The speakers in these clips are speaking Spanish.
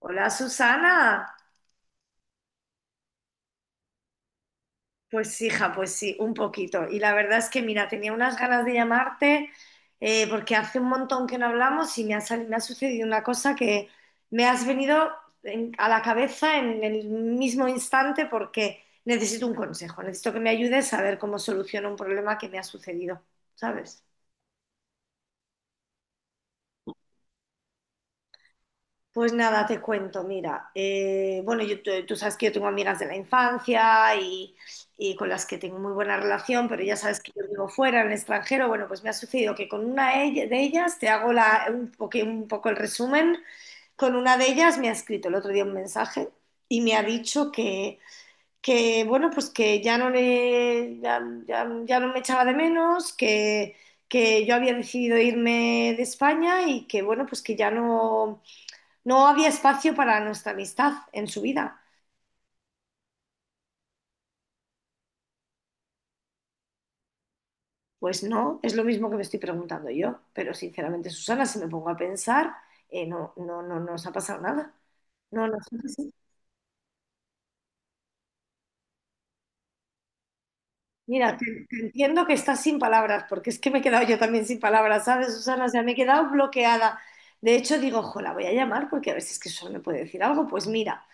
Hola, Susana. Pues hija, pues sí, un poquito. Y la verdad es que mira, tenía unas ganas de llamarte porque hace un montón que no hablamos y me ha sucedido una cosa que me has venido a la cabeza en el mismo instante porque necesito un consejo, necesito que me ayudes a ver cómo soluciono un problema que me ha sucedido, ¿sabes? Pues nada, te cuento, mira, tú sabes que yo tengo amigas de la infancia y con las que tengo muy buena relación, pero ya sabes que yo vivo fuera, en el extranjero. Bueno, pues me ha sucedido que con de ellas, te hago un poco el resumen, con una de ellas me ha escrito el otro día un mensaje y me ha dicho que bueno, pues que ya no le, ya, ya- ya no me echaba de menos, que yo había decidido irme de España y que bueno, pues que no había espacio para nuestra amistad en su vida. Pues no, es lo mismo que me estoy preguntando yo. Pero sinceramente, Susana, si me pongo a pensar, no, no nos ha pasado nada. No, no. Sí, sí, sí. Mira, te entiendo que estás sin palabras, porque es que me he quedado yo también sin palabras, ¿sabes, Susana? O sea, me he quedado bloqueada. De hecho, digo, ojo, la voy a llamar porque a ver si es que solo me puede decir algo. Pues mira,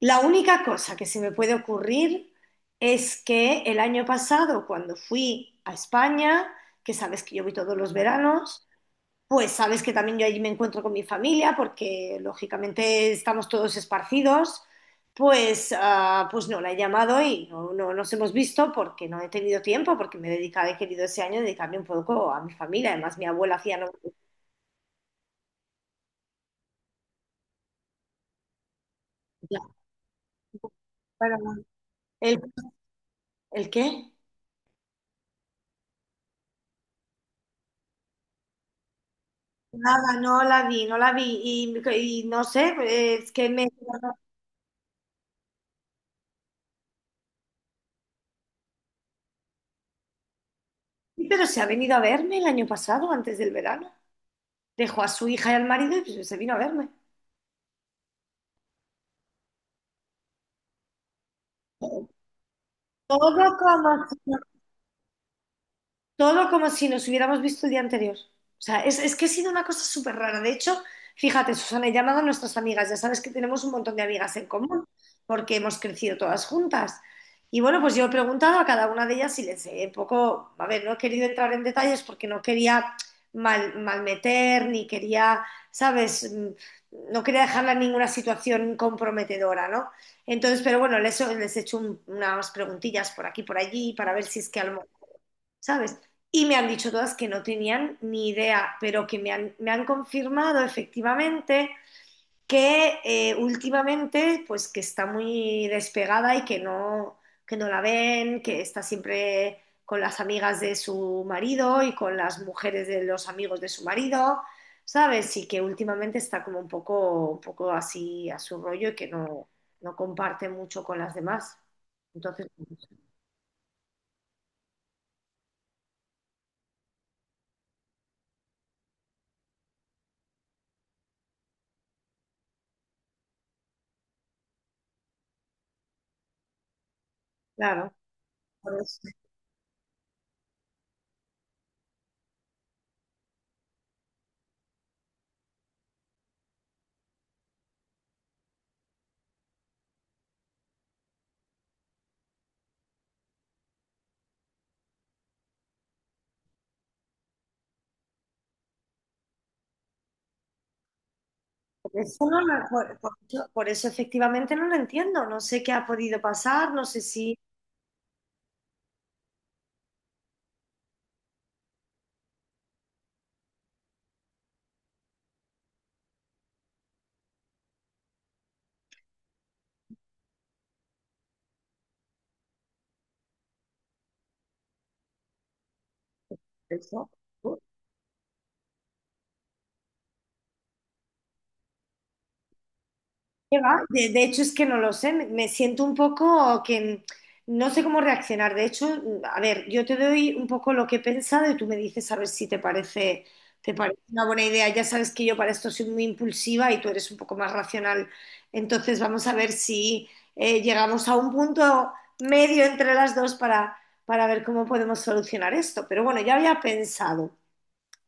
la única cosa que se me puede ocurrir es que el año pasado, cuando fui a España, que sabes que yo voy todos los veranos, pues sabes que también yo allí me encuentro con mi familia, porque lógicamente estamos todos esparcidos, pues, pues no la he llamado y no nos hemos visto porque no he tenido tiempo, porque he querido ese año dedicarme un poco a mi familia. Además, mi abuela hacía... ¿El, el qué? Nada, no la vi y no sé, es que me... Pero se ha venido a verme el año pasado, antes del verano. Dejó a su hija y al marido y pues se vino a verme. Todo como Todo como si nos hubiéramos visto el día anterior. O sea, es que ha sido una cosa súper rara. De hecho, fíjate, Susana, he llamado a nuestras amigas. Ya sabes que tenemos un montón de amigas en común porque hemos crecido todas juntas. Y bueno, pues yo he preguntado a cada una de ellas y les he un poco, a ver, no he querido entrar en detalles porque no quería malmeter, ni quería, ¿sabes? No quería dejarla en ninguna situación comprometedora, ¿no? Entonces, pero bueno, les he hecho unas preguntillas por aquí, por allí, para ver si es que a lo mejor, ¿sabes? Y me han dicho todas que no tenían ni idea, pero que me han confirmado efectivamente que últimamente, pues que está muy despegada y que no la ven, que está siempre con las amigas de su marido y con las mujeres de los amigos de su marido, ¿sabes? Y que últimamente está como un poco así a su rollo y que no, no comparte mucho con las demás. Entonces, claro, por eso. Eso no lo- por eso efectivamente no lo entiendo. No sé qué ha podido pasar, no sé si... Eso. ¿Qué va? De hecho, es que no lo sé, me siento un poco que no sé cómo reaccionar. De hecho, a ver, yo te doy un poco lo que he pensado y tú me dices a ver si te parece, te parece una buena idea. Ya sabes que yo para esto soy muy impulsiva y tú eres un poco más racional. Entonces, vamos a ver si llegamos a un punto medio entre las dos para ver cómo podemos solucionar esto. Pero bueno, ya había pensado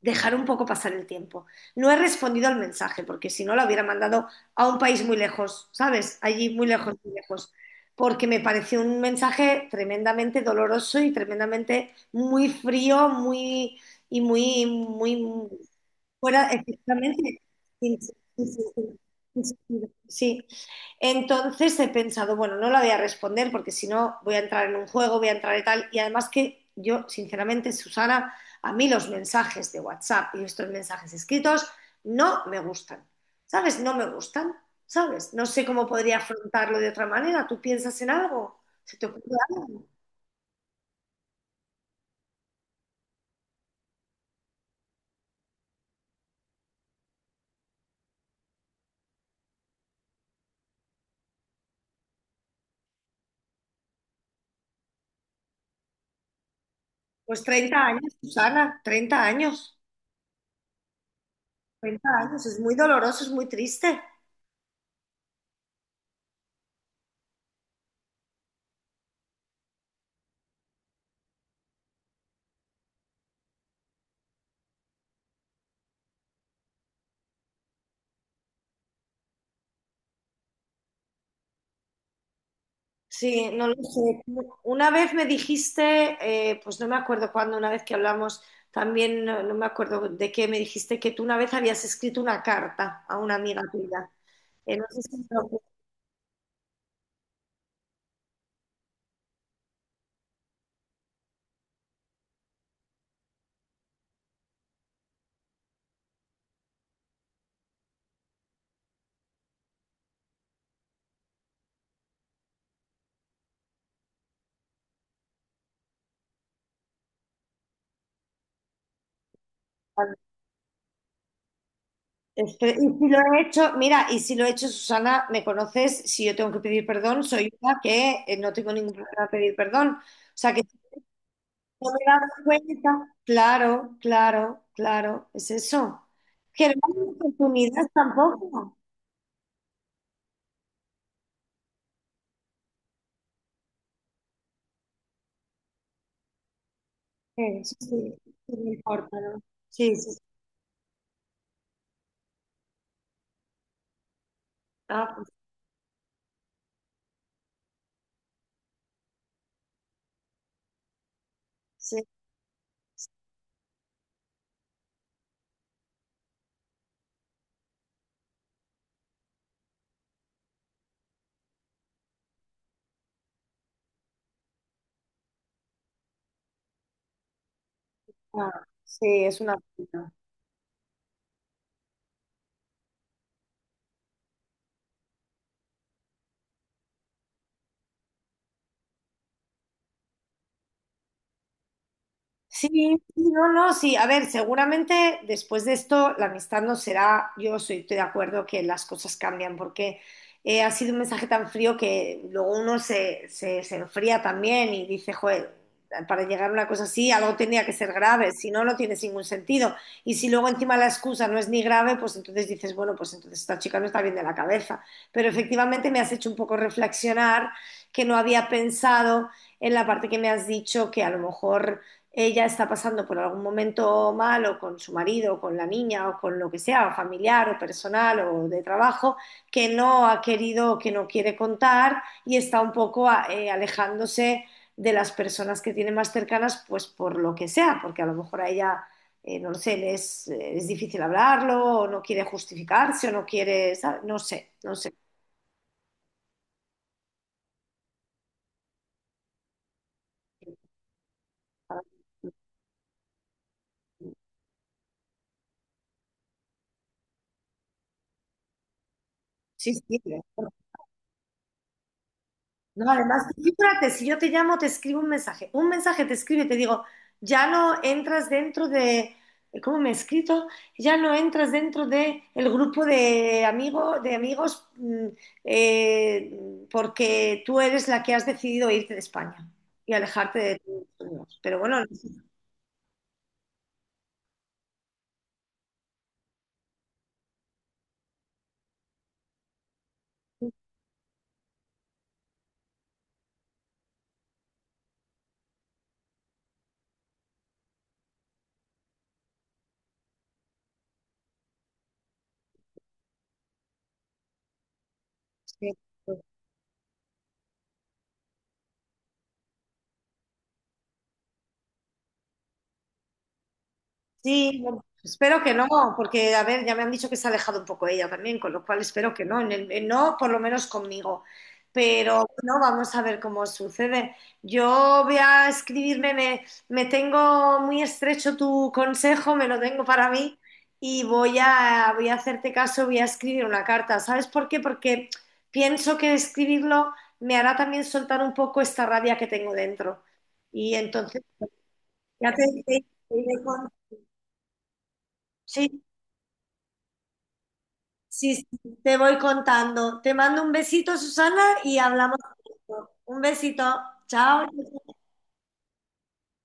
dejar un poco pasar el tiempo. No he respondido al mensaje, porque si no lo hubiera mandado a un país muy lejos, ¿sabes? Allí muy lejos, muy lejos. Porque me pareció un mensaje tremendamente doloroso y tremendamente muy frío, muy fuera, efectivamente. Sí, sí, sí, sí, sí, sí, sí. Sí, sí. Entonces he pensado, bueno, no la voy a responder porque si no voy a entrar en un juego, voy a entrar en tal. Y además que yo, sinceramente, Susana, a mí los mensajes de WhatsApp y estos mensajes escritos no me gustan. ¿Sabes? No me gustan. ¿Sabes? No sé cómo podría afrontarlo de otra manera. ¿Tú piensas en algo? ¿Se te ocurre algo? Pues 30 años, Susana, 30 años. Treinta años, es muy doloroso, es muy triste. Sí, no lo sé. Una vez me dijiste, pues no me acuerdo cuándo, una vez que hablamos, también no me acuerdo de qué, me dijiste que tú una vez habías escrito una carta a una amiga tuya. No sé si me lo acuerdo. Y si lo he hecho, mira, y si lo he hecho, Susana, me conoces, si yo tengo que pedir perdón, soy una que no tengo ningún problema en pedir perdón. O sea que si no me he dado cuenta, claro, claro, claro, es eso. Que no hay oportunidades tampoco. Eso sí, sí, sí, me importa, ¿no? Sí, sí, sí. Ah, pues, sí, sí, ah, sí, es una pena. Sí, sí, no, no, sí. A ver, seguramente después de esto la amistad no será, yo soy, estoy de acuerdo que las cosas cambian porque ha sido un mensaje tan frío que luego uno se enfría también y dice, joder, para llegar a una cosa así algo tenía que ser grave, si no, no tiene ningún sentido. Y si luego encima la excusa no es ni grave, pues entonces dices, bueno, pues entonces esta chica no está bien de la cabeza. Pero efectivamente me has hecho un poco reflexionar que no había pensado en la parte que me has dicho que a lo mejor ella está pasando por algún momento malo con su marido, o con la niña, o con lo que sea, o familiar, o personal, o de trabajo, que no ha querido, que no quiere contar y está un poco alejándose de las personas que tiene más cercanas, pues por lo que sea, porque a lo mejor a ella, no lo sé, es difícil hablarlo, o no quiere justificarse, o no quiere, ¿sabe? No sé, no sé. Sí, sí, sí. No, además, tú fíjate, si yo te llamo, te escribo un mensaje. Un mensaje te escribe, y te digo, ya no entras dentro de, ¿cómo me he escrito? Ya no entras dentro de el grupo de amigos, porque tú eres la que has decidido irte de España y alejarte de tus amigos. Pero bueno, no sé. Sí, bueno, espero que no, porque a ver, ya me han dicho que se ha alejado un poco ella también, con lo cual espero que no, en no por lo menos conmigo. Pero no, vamos a ver cómo sucede. Yo voy a escribirme, me tengo muy estrecho tu consejo, me lo tengo para mí y voy a hacerte caso, voy a escribir una carta. ¿Sabes por qué? Porque pienso que escribirlo me hará también soltar un poco esta rabia que tengo dentro. Y entonces, te iré sí. Sí, sí, te voy contando. Te mando un besito, Susana, y hablamos pronto. Un besito. Chao.